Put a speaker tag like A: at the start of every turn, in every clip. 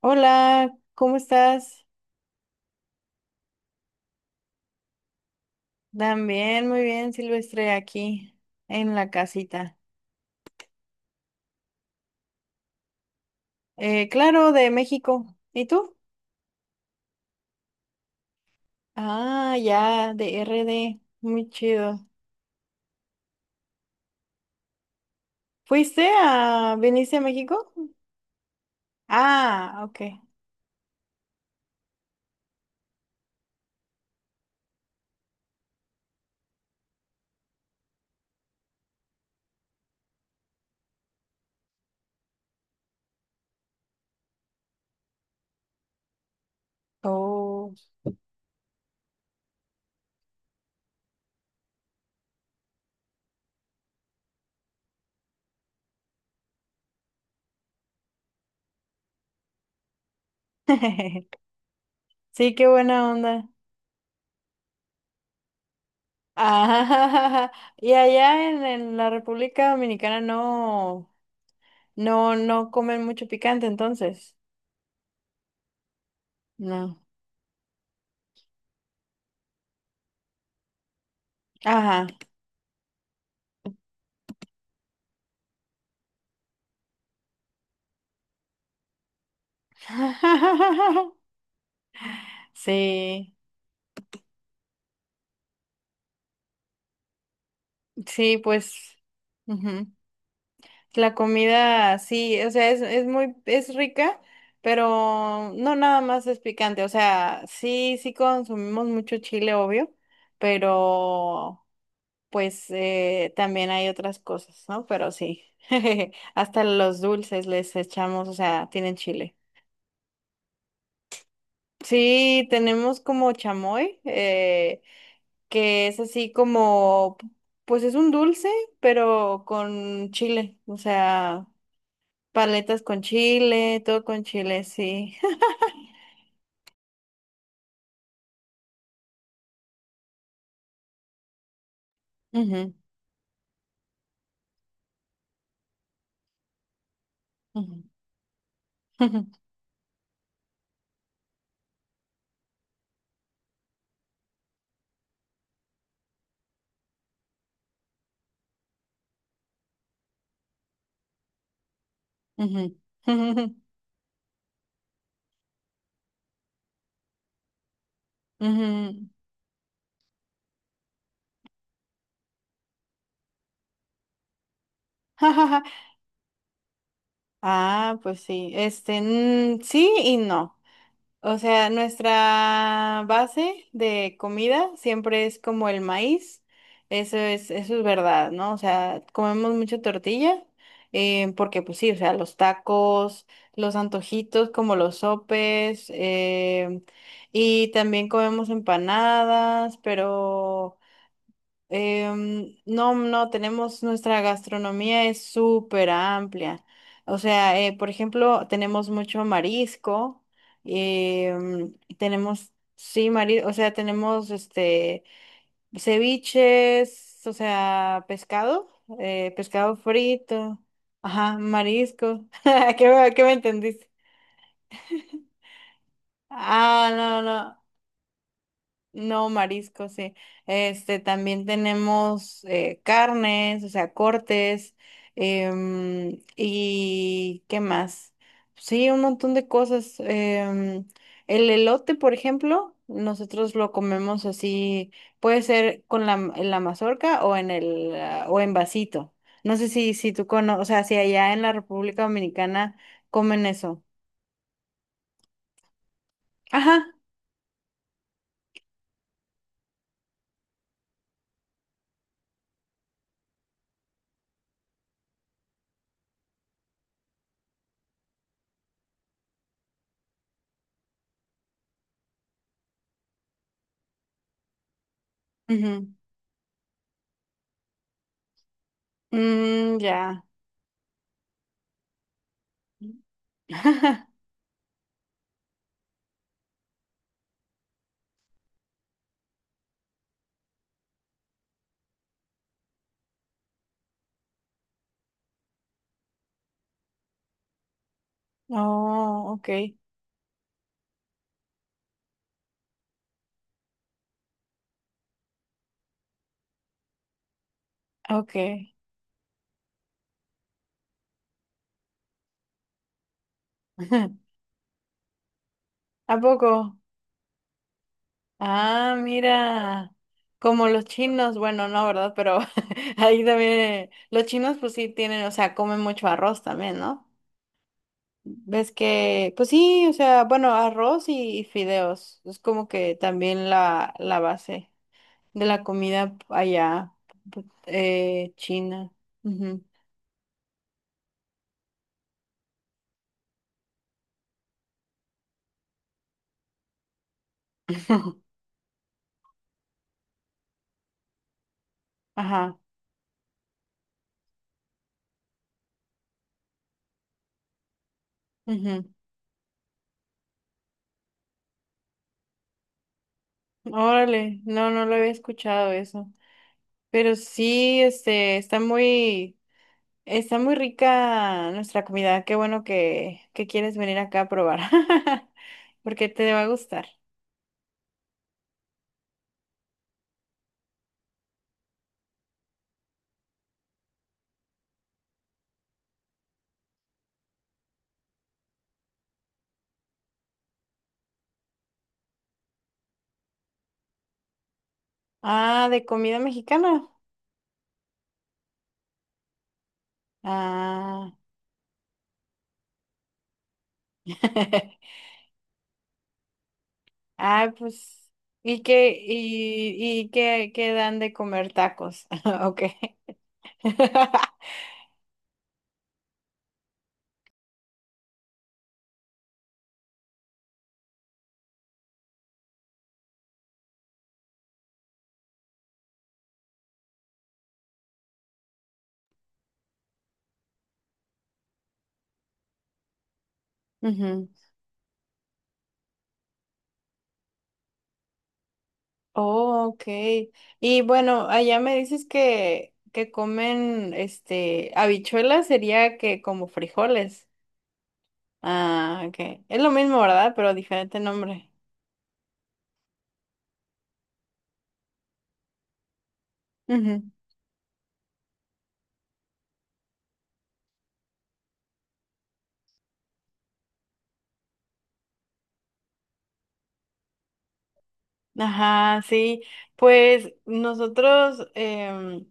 A: Hola, ¿cómo estás? También, muy bien, Silvestre, aquí en la casita. Claro, de México. ¿Y tú? Ah, ya, de RD. Muy chido. ¿Fuiste a, viniste a México? Ah, ok. Oh. Sí, qué buena onda. Ah, y allá en la República Dominicana no, no, no comen mucho picante, entonces. No. Ajá. Sí, sí, pues ujú. La comida, sí, o sea, es muy, es rica, pero no nada más es picante, o sea, sí, sí consumimos mucho chile, obvio, pero pues también hay otras cosas, ¿no? Pero sí, hasta los dulces les echamos, o sea, tienen chile. Sí, tenemos como chamoy, que es así como, pues es un dulce, pero con chile, o sea, paletas con chile, todo con chile, sí. Ujú, ujú, ujú, ujú, ujú, ujú. Ah, pues sí, sí y no. O sea, nuestra base de comida siempre es como el maíz. Eso es verdad, ¿no? O sea, comemos mucha tortilla, porque pues sí, o sea, los tacos, los antojitos como los sopes, y también comemos empanadas, pero no, no, tenemos nuestra gastronomía es súper amplia. O sea, por ejemplo, tenemos mucho marisco, tenemos, sí, marisco, o sea, tenemos este ceviches, o sea, pescado, pescado frito, ajá, marisco. ¿Qué, qué me entendiste? Ah, no, no. No, mariscos sí. Este, también tenemos carnes, o sea, cortes, ¿y qué más? Sí, un montón de cosas. El elote, por ejemplo, nosotros lo comemos así, puede ser con en la mazorca o en el, ah, o en vasito. No sé si, si tú conoces, o sea, si allá en la República Dominicana comen eso. Ajá. Ujú. Mm, ya. Oh, ok, ok. ¿A poco? Ah, mira, como los chinos, bueno, no, ¿verdad? Pero ahí también, los chinos pues sí tienen, o sea, comen mucho arroz también, ¿no? Ves que, pues sí, o sea, bueno, arroz y fideos, es como que también la base de la comida allá, china. Ujú. Ajá. Ujú. Órale, no, no lo había escuchado eso. Pero sí, este, está muy rica nuestra comida. Qué bueno que quieres venir acá a probar, porque te va a gustar. Ah, de comida mexicana. Ah, ah, pues, y qué, qué dan de comer tacos? Ok. Ujú. Oh, ok. Y bueno, allá me dices que comen, este, habichuelas sería que como frijoles. Ah, ok. Es lo mismo, ¿verdad? Pero diferente nombre. Ujú. Ajá, sí. Pues nosotros,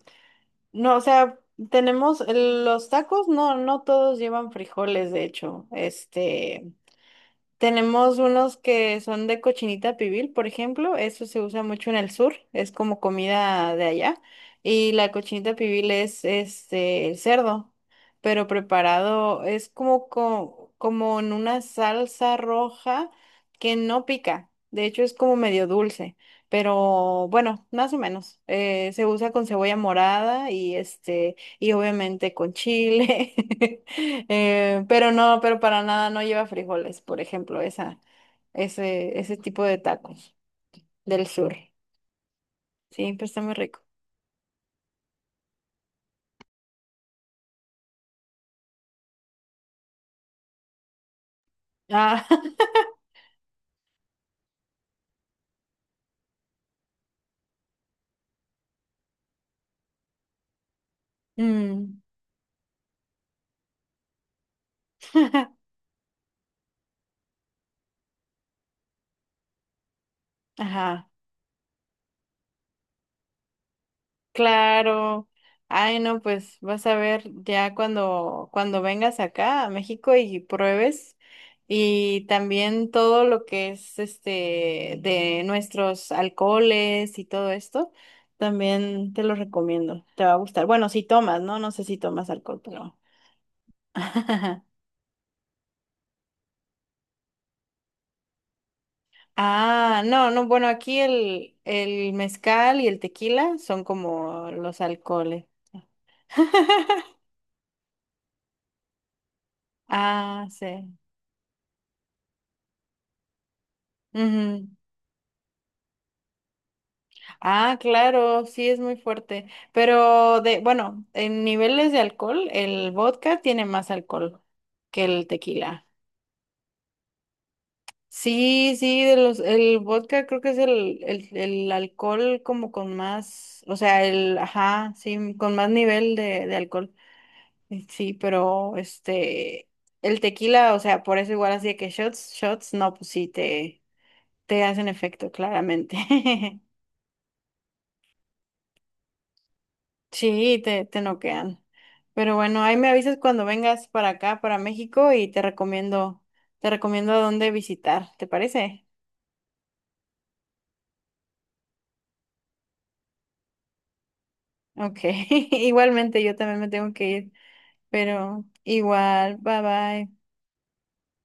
A: no, o sea, tenemos los tacos, no, no todos llevan frijoles, de hecho. Este, tenemos unos que son de cochinita pibil, por ejemplo, eso se usa mucho en el sur, es como comida de allá. Y la cochinita pibil es este el cerdo, pero preparado es como como en una salsa roja que no pica. De hecho es como medio dulce, pero bueno, más o menos. Se usa con cebolla morada y este y obviamente con chile. Pero no, pero para nada no lleva frijoles, por ejemplo, esa, ese tipo de tacos del sur. Sí, pero está muy rico. Ah, mm, Ajá. Claro. Ay, no, pues vas a ver ya cuando, cuando vengas acá a México y pruebes. Y también todo lo que es este de nuestros alcoholes y todo esto, también te lo recomiendo. Te va a gustar. Bueno, si tomas, ¿no? No sé si tomas alcohol, pero. Ah, no, no, bueno, aquí el mezcal y el tequila son como los alcoholes. Ah, sí. Ujú. Ah, claro, sí es muy fuerte. Pero de, bueno, en niveles de alcohol, el vodka tiene más alcohol que el tequila. Sí, sí, de los, el vodka creo que es el alcohol como con más, o sea, el, ajá, sí, con más nivel de alcohol. Sí, pero este, el tequila, o sea, por eso igual así de que shots, shots, no, pues sí, te hacen efecto, claramente. Sí, te noquean. Pero bueno, ahí me avisas cuando vengas para acá, para México, y te recomiendo a dónde visitar, ¿te parece? Ok, igualmente yo también me tengo que ir, pero igual, bye bye.